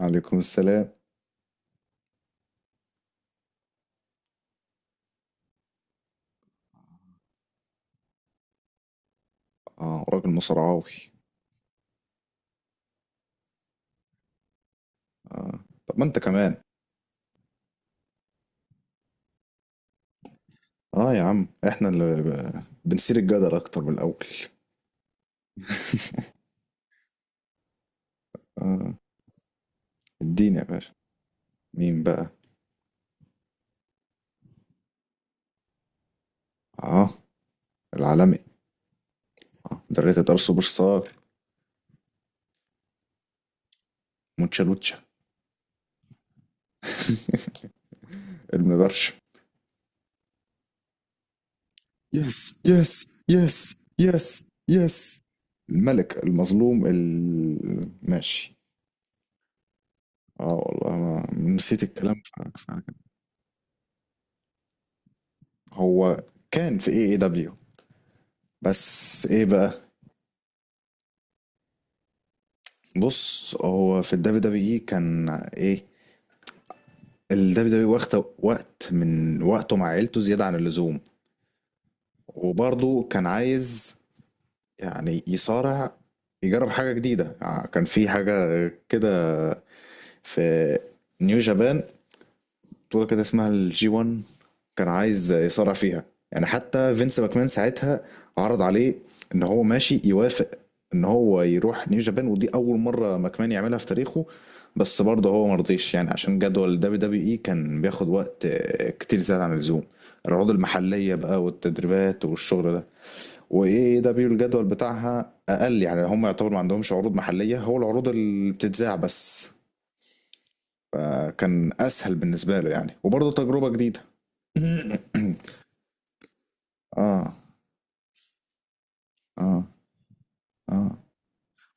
عليكم السلام. اه راجل مصارعاوي. اه طب ما انت كمان. اه يا عم احنا اللي بنثير الجدل اكتر من الاول. اه اديني يا باشا، مين بقى؟ اه العالمي، ده ريتد ار سوبر ستار، مونشا لوتشا. المبرشم. يس يس يس، يس يس. الملك المظلوم ماشي. اه والله ما نسيت الكلام فعلا كده. هو كان في اي اي دبليو. بس ايه بقى؟ بص، هو في الدبليو دبليو اي كان ايه، الدبليو دبليو واخد وقت من وقته مع عيلته زياده عن اللزوم، وبرضه كان عايز، يعني يصارع، يجرب حاجه جديده، كان في حاجه كده في نيو جابان، بطولة كده اسمها الجي 1، كان عايز يصارع فيها. يعني حتى فينس ماكمان ساعتها عرض عليه ان هو ماشي يوافق ان هو يروح نيو جابان، ودي اول مرة ماكمان يعملها في تاريخه. بس برضه هو مرضيش، يعني عشان جدول دبليو دبليو اي كان بياخد وقت كتير زيادة عن اللزوم، العروض المحلية بقى والتدريبات والشغل ده. وايه دبليو الجدول بتاعها اقل، يعني هم يعتبر ما عندهمش عروض محلية، هو العروض اللي بتتذاع بس، فكان اسهل بالنسبه له يعني، وبرضه تجربه جديده. اه اه اه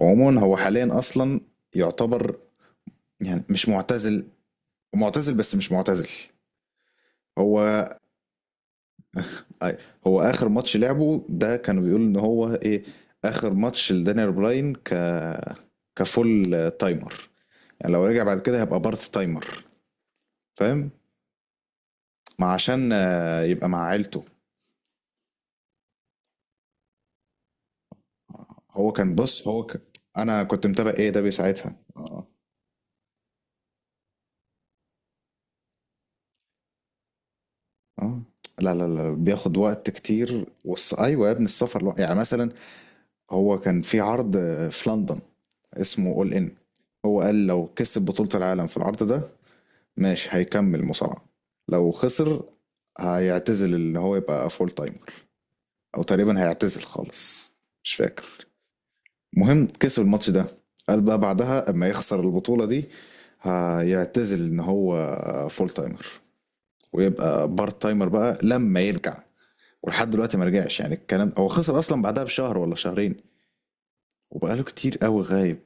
عموما هو حاليا اصلا يعتبر، يعني مش معتزل، معتزل بس مش معتزل. هو أي، هو اخر ماتش لعبه ده كانوا بيقولوا ان هو ايه، اخر ماتش لدانيال براين كفول تايمر، يعني لو رجع بعد كده هيبقى بارت تايمر. فاهم، ما عشان يبقى مع عيلته. هو كان بص هو انا كنت متابع ايه ده ساعتها اه. لا، بياخد وقت كتير ايوه يا ابني، السفر يعني مثلا هو كان في عرض في لندن اسمه اول ان، هو قال لو كسب بطولة العالم في العرض ده ماشي هيكمل مصارعة، لو خسر هيعتزل ان هو يبقى فول تايمر، او تقريبا هيعتزل خالص، مش فاكر. مهم، كسب الماتش ده، قال بقى بعدها اما يخسر البطولة دي هيعتزل ان هو فول تايمر، ويبقى بارت تايمر بقى لما يرجع. ولحد دلوقتي ما رجعش، يعني الكلام هو خسر اصلا بعدها بشهر ولا شهرين، وبقاله كتير قوي غايب.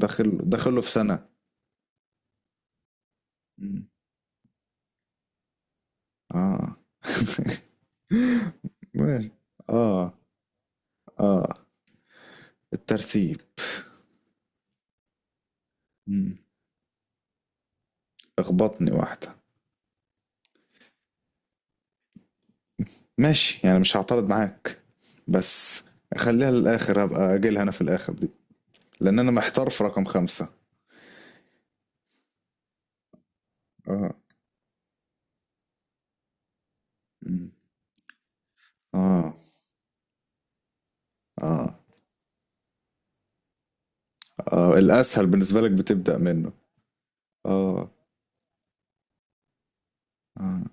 داخل له في سنه. مم. اه. ماشي. اه اه الترتيب. مم. اخبطني واحده. ماشي، يعني مش هعترض معاك، بس خليها للاخر، هبقى اجيلها انا في الاخر دي، لان انا محتار في رقم خمسة. اه. مم. اه اه اه الاسهل بالنسبه لك بتبدا منه. اه اه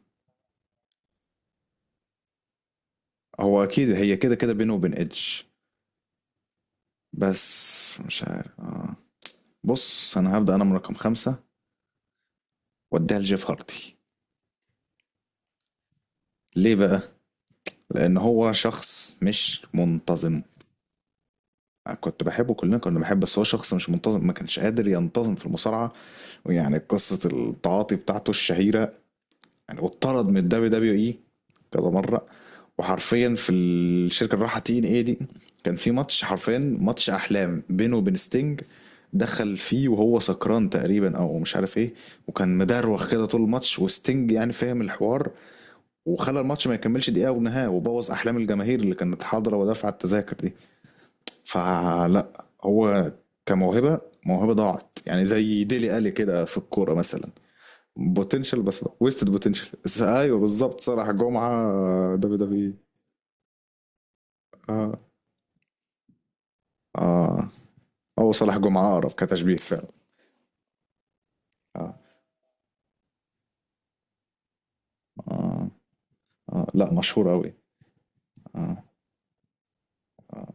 هو اكيد هي كده كده بينه وبين ادج، بس مش عارف. آه. بص، انا هبدأ انا من رقم خمسة، واديها لجيف هارتي. ليه بقى؟ لان هو شخص مش منتظم. كنت بحبه، كلنا كنا بنحبه، بس هو شخص مش منتظم، ما كانش قادر ينتظم في المصارعة. ويعني قصة التعاطي بتاعته الشهيرة، يعني واتطرد من الدبليو دبليو اي كذا مره. وحرفيا في الشركه اللي راحه تي ان اي دي، كان في ماتش، حرفيا ماتش احلام بينه وبين ستينج، دخل فيه وهو سكران تقريبا او مش عارف ايه، وكان مدروخ كده طول الماتش، وستينج يعني فاهم الحوار، وخلى الماتش ما يكملش دقيقه ونهايه، وبوظ احلام الجماهير اللي كانت حاضره ودافعه التذاكر دي. فلا، هو كموهبه، موهبه ضاعت، يعني زي ديلي الي كده في الكوره مثلا. بوتنشال، بس ويستد بوتنشال. ايوه، بالظبط صلاح جمعه. دبليو دبليو اي. اه اه هو صلاح جمعه اقرب كتشبيه فعلا. آه. آه. آه. لا، مشهور قوي. آه. آه.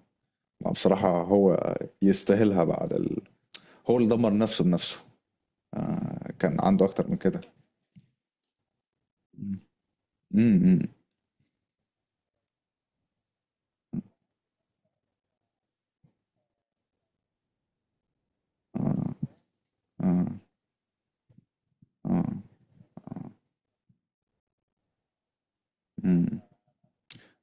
ما بصراحه هو يستاهلها بعد هو اللي دمر نفسه بنفسه. آه. كان عنده اكتر من كده. امم. آه. آه. مم.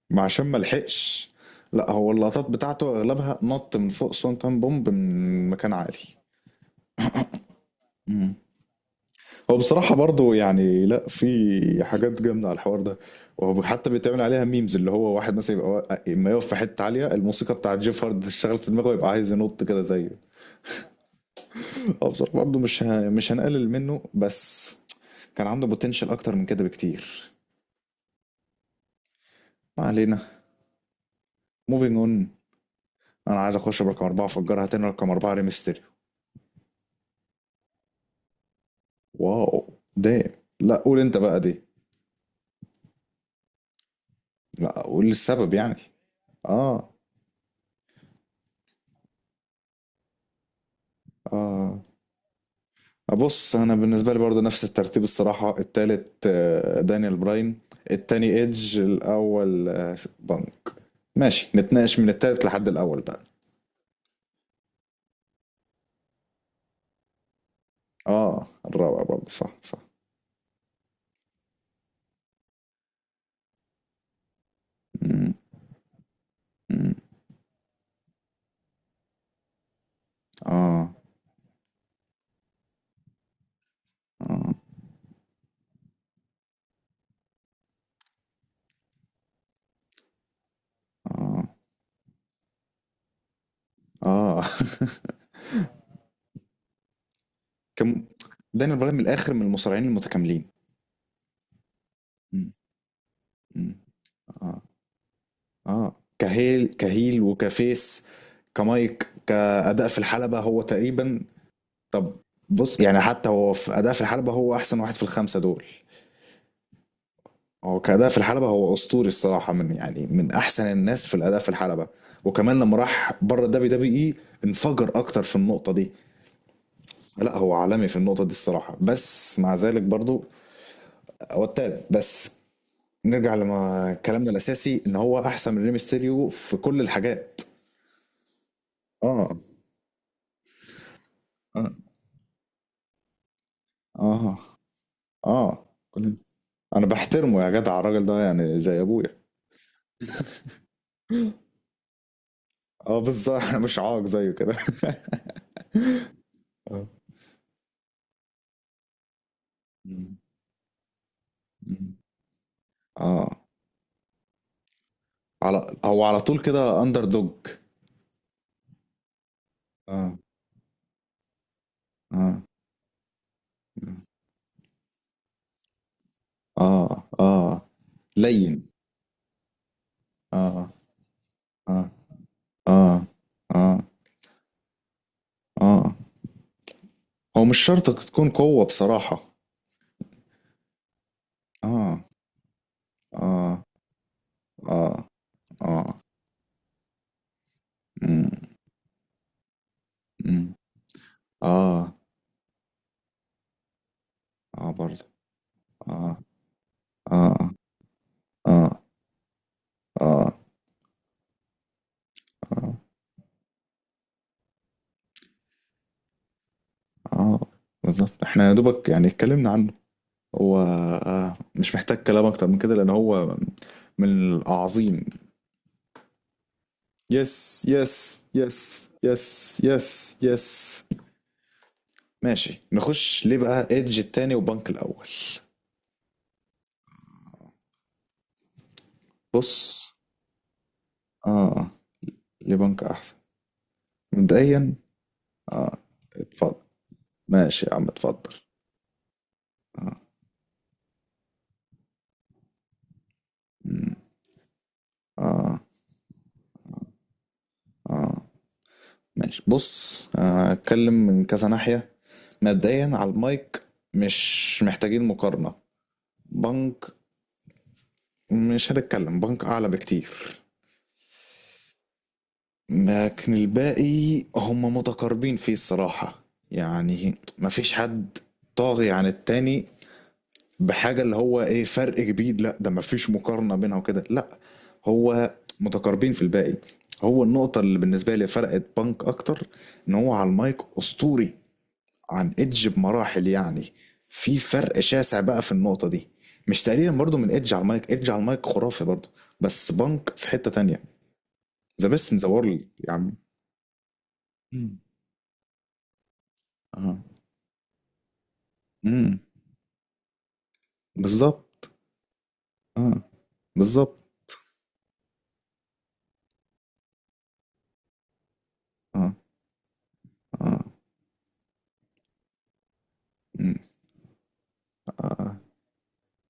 ما عشان ما لحقش. لا، هو اللقطات بتاعته اغلبها نط من فوق سونتان بومب من مكان عالي. مم. هو بصراحة برضو يعني، لا في حاجات جامدة على الحوار ده، وهو حتى بيتعمل عليها ميمز، اللي هو واحد مثلا يبقى اما يقف في حتة عالية الموسيقى بتاعت جيف هارد تشتغل في دماغه، يبقى عايز ينط كده زيه. هو بصراحة برضو مش هنقلل منه، بس كان عنده بوتنشال أكتر من كده بكتير. ما علينا، موفينج أون. أنا عايز أخش برقم أربعة، أفجرها تاني، رقم أربعة ريمستيريو. واو. دام. لا قول أنت بقى دي. لا قول السبب يعني. آه. آه. بص، انا بالنسبه لي برضو نفس الترتيب الصراحه، التالت دانيال براين، التاني ايدج، الاول بانك. ماشي، نتناقش من التالت لحد الاول بقى. اه، الرابع برضو، صح. مم، مم. اه اه اه اه كم، دانيال براين من الاخر من المصارعين المتكاملين. مم، مم. اه اه. كهيل، كهيل، وكفيس. كمايك، كأداء في الحلبة، هو تقريبا طب بص يعني، حتى هو في أداء في الحلبة هو أحسن واحد في الخمسة دول. هو كأداء في الحلبة هو أسطوري الصراحة، من يعني من أحسن الناس في الأداء في الحلبة. وكمان لما راح بره الدبي دبي إي انفجر أكتر في النقطة دي. لا هو عالمي في النقطة دي الصراحة، بس مع ذلك برضو هو التالت بس، نرجع لما كلامنا الأساسي إن هو أحسن من ريمستيريو في كل الحاجات. آه. آه. آه. آه. كل- أنا بحترمه يا جدع، الراجل ده يعني زي أبويا. اه بالظبط، انا مش عاق زيه كده. اه. مم. مم. اه. على، هو على طول كده اندر دوج. اه اه اه اه لين. اه اه اه اه اه هو مش شرط تكون قوة بصراحة. اه اه اه اه مم. مم. اه اه برضه. اه اه اه اه اه اه بالظبط. احنا يا دوبك يعني اتكلمنا عن هو مش محتاج كلام اكتر من كده، لان هو من الاعظيم. يس يس يس، يس يس يس. ماشي، نخش ليه بقى، ايدج التاني وبنك الاول. بص. اه. ليه بنك احسن؟ مبدئيا. اه، اتفضل. ماشي يا عم، اتفضل. ماشي بص، اتكلم من كذا ناحية. مبدئيا على المايك، مش محتاجين مقارنة، بنك. مش هنتكلم، بنك اعلى بكتير، لكن الباقي هم متقاربين فيه الصراحة، يعني مفيش حد طاغي عن التاني بحاجة اللي هو ايه، فرق كبير، لا، ده مفيش مقارنة بينها وكده، لا. هو متقاربين في الباقي. هو النقطة اللي بالنسبة لي فرقت بانك أكتر، إن هو على المايك أسطوري عن إدج بمراحل، يعني في فرق شاسع بقى في النقطة دي. مش تقريبا برضو من إدج، على المايك إدج على المايك خرافي برضو، بس بانك في حتة تانية. ذا بيست إن ذا وورلد يا عم. مم. امم. بالظبط. اه بالظبط. اه اه. مم. اه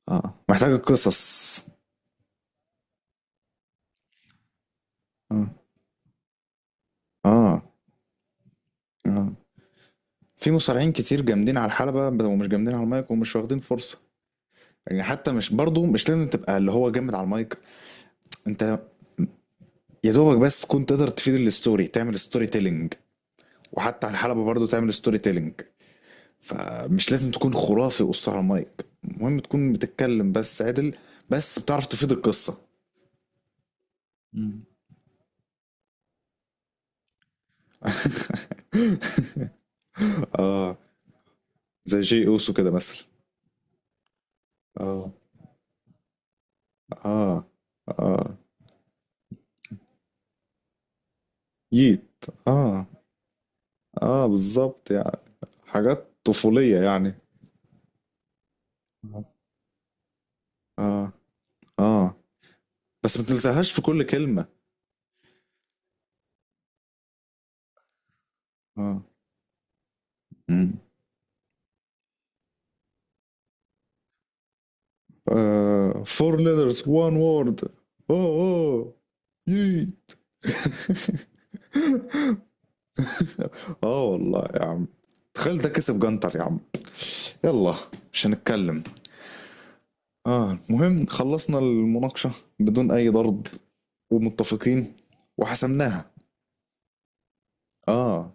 اه. محتاجة قصص. اه اه. اه. في مصارعين كتير جامدين على الحلبة ومش جامدين على المايك ومش واخدين فرصة. يعني حتى، مش برضو، مش لازم تبقى اللي هو جامد على المايك، انت يا دوبك بس تكون تقدر تفيد الستوري، تعمل ستوري تيلينج، وحتى على الحلبة برضو تعمل ستوري تيلينج، فمش لازم تكون خرافي واسطة على المايك، المهم تكون بتتكلم بس عدل، بس بتعرف تفيد القصة. مم. اه، زي جي اوسو كده مثلا. اه اه اه. ييت. اه، اه بالظبط يعني، حاجات طفولية يعني. اه. اه. بس ما تلزقهاش في كل كلمة. اه. مم. آه four letters one word. اوه اوه. ييت. اه والله يا عم، تخيل ده كسب جنتر يا عم. يلا، مش هنتكلم. اه، المهم خلصنا المناقشة بدون أي ضرب، ومتفقين، وحسمناها. اه.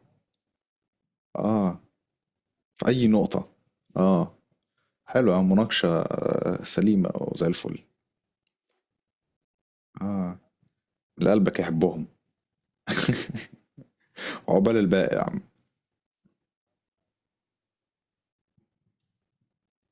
اه. في أي نقطة. اه. حلوة مناقشة، سليمة وزي الفل. اه. اللي قلبك يحبهم. عقبال الباقي يا عم.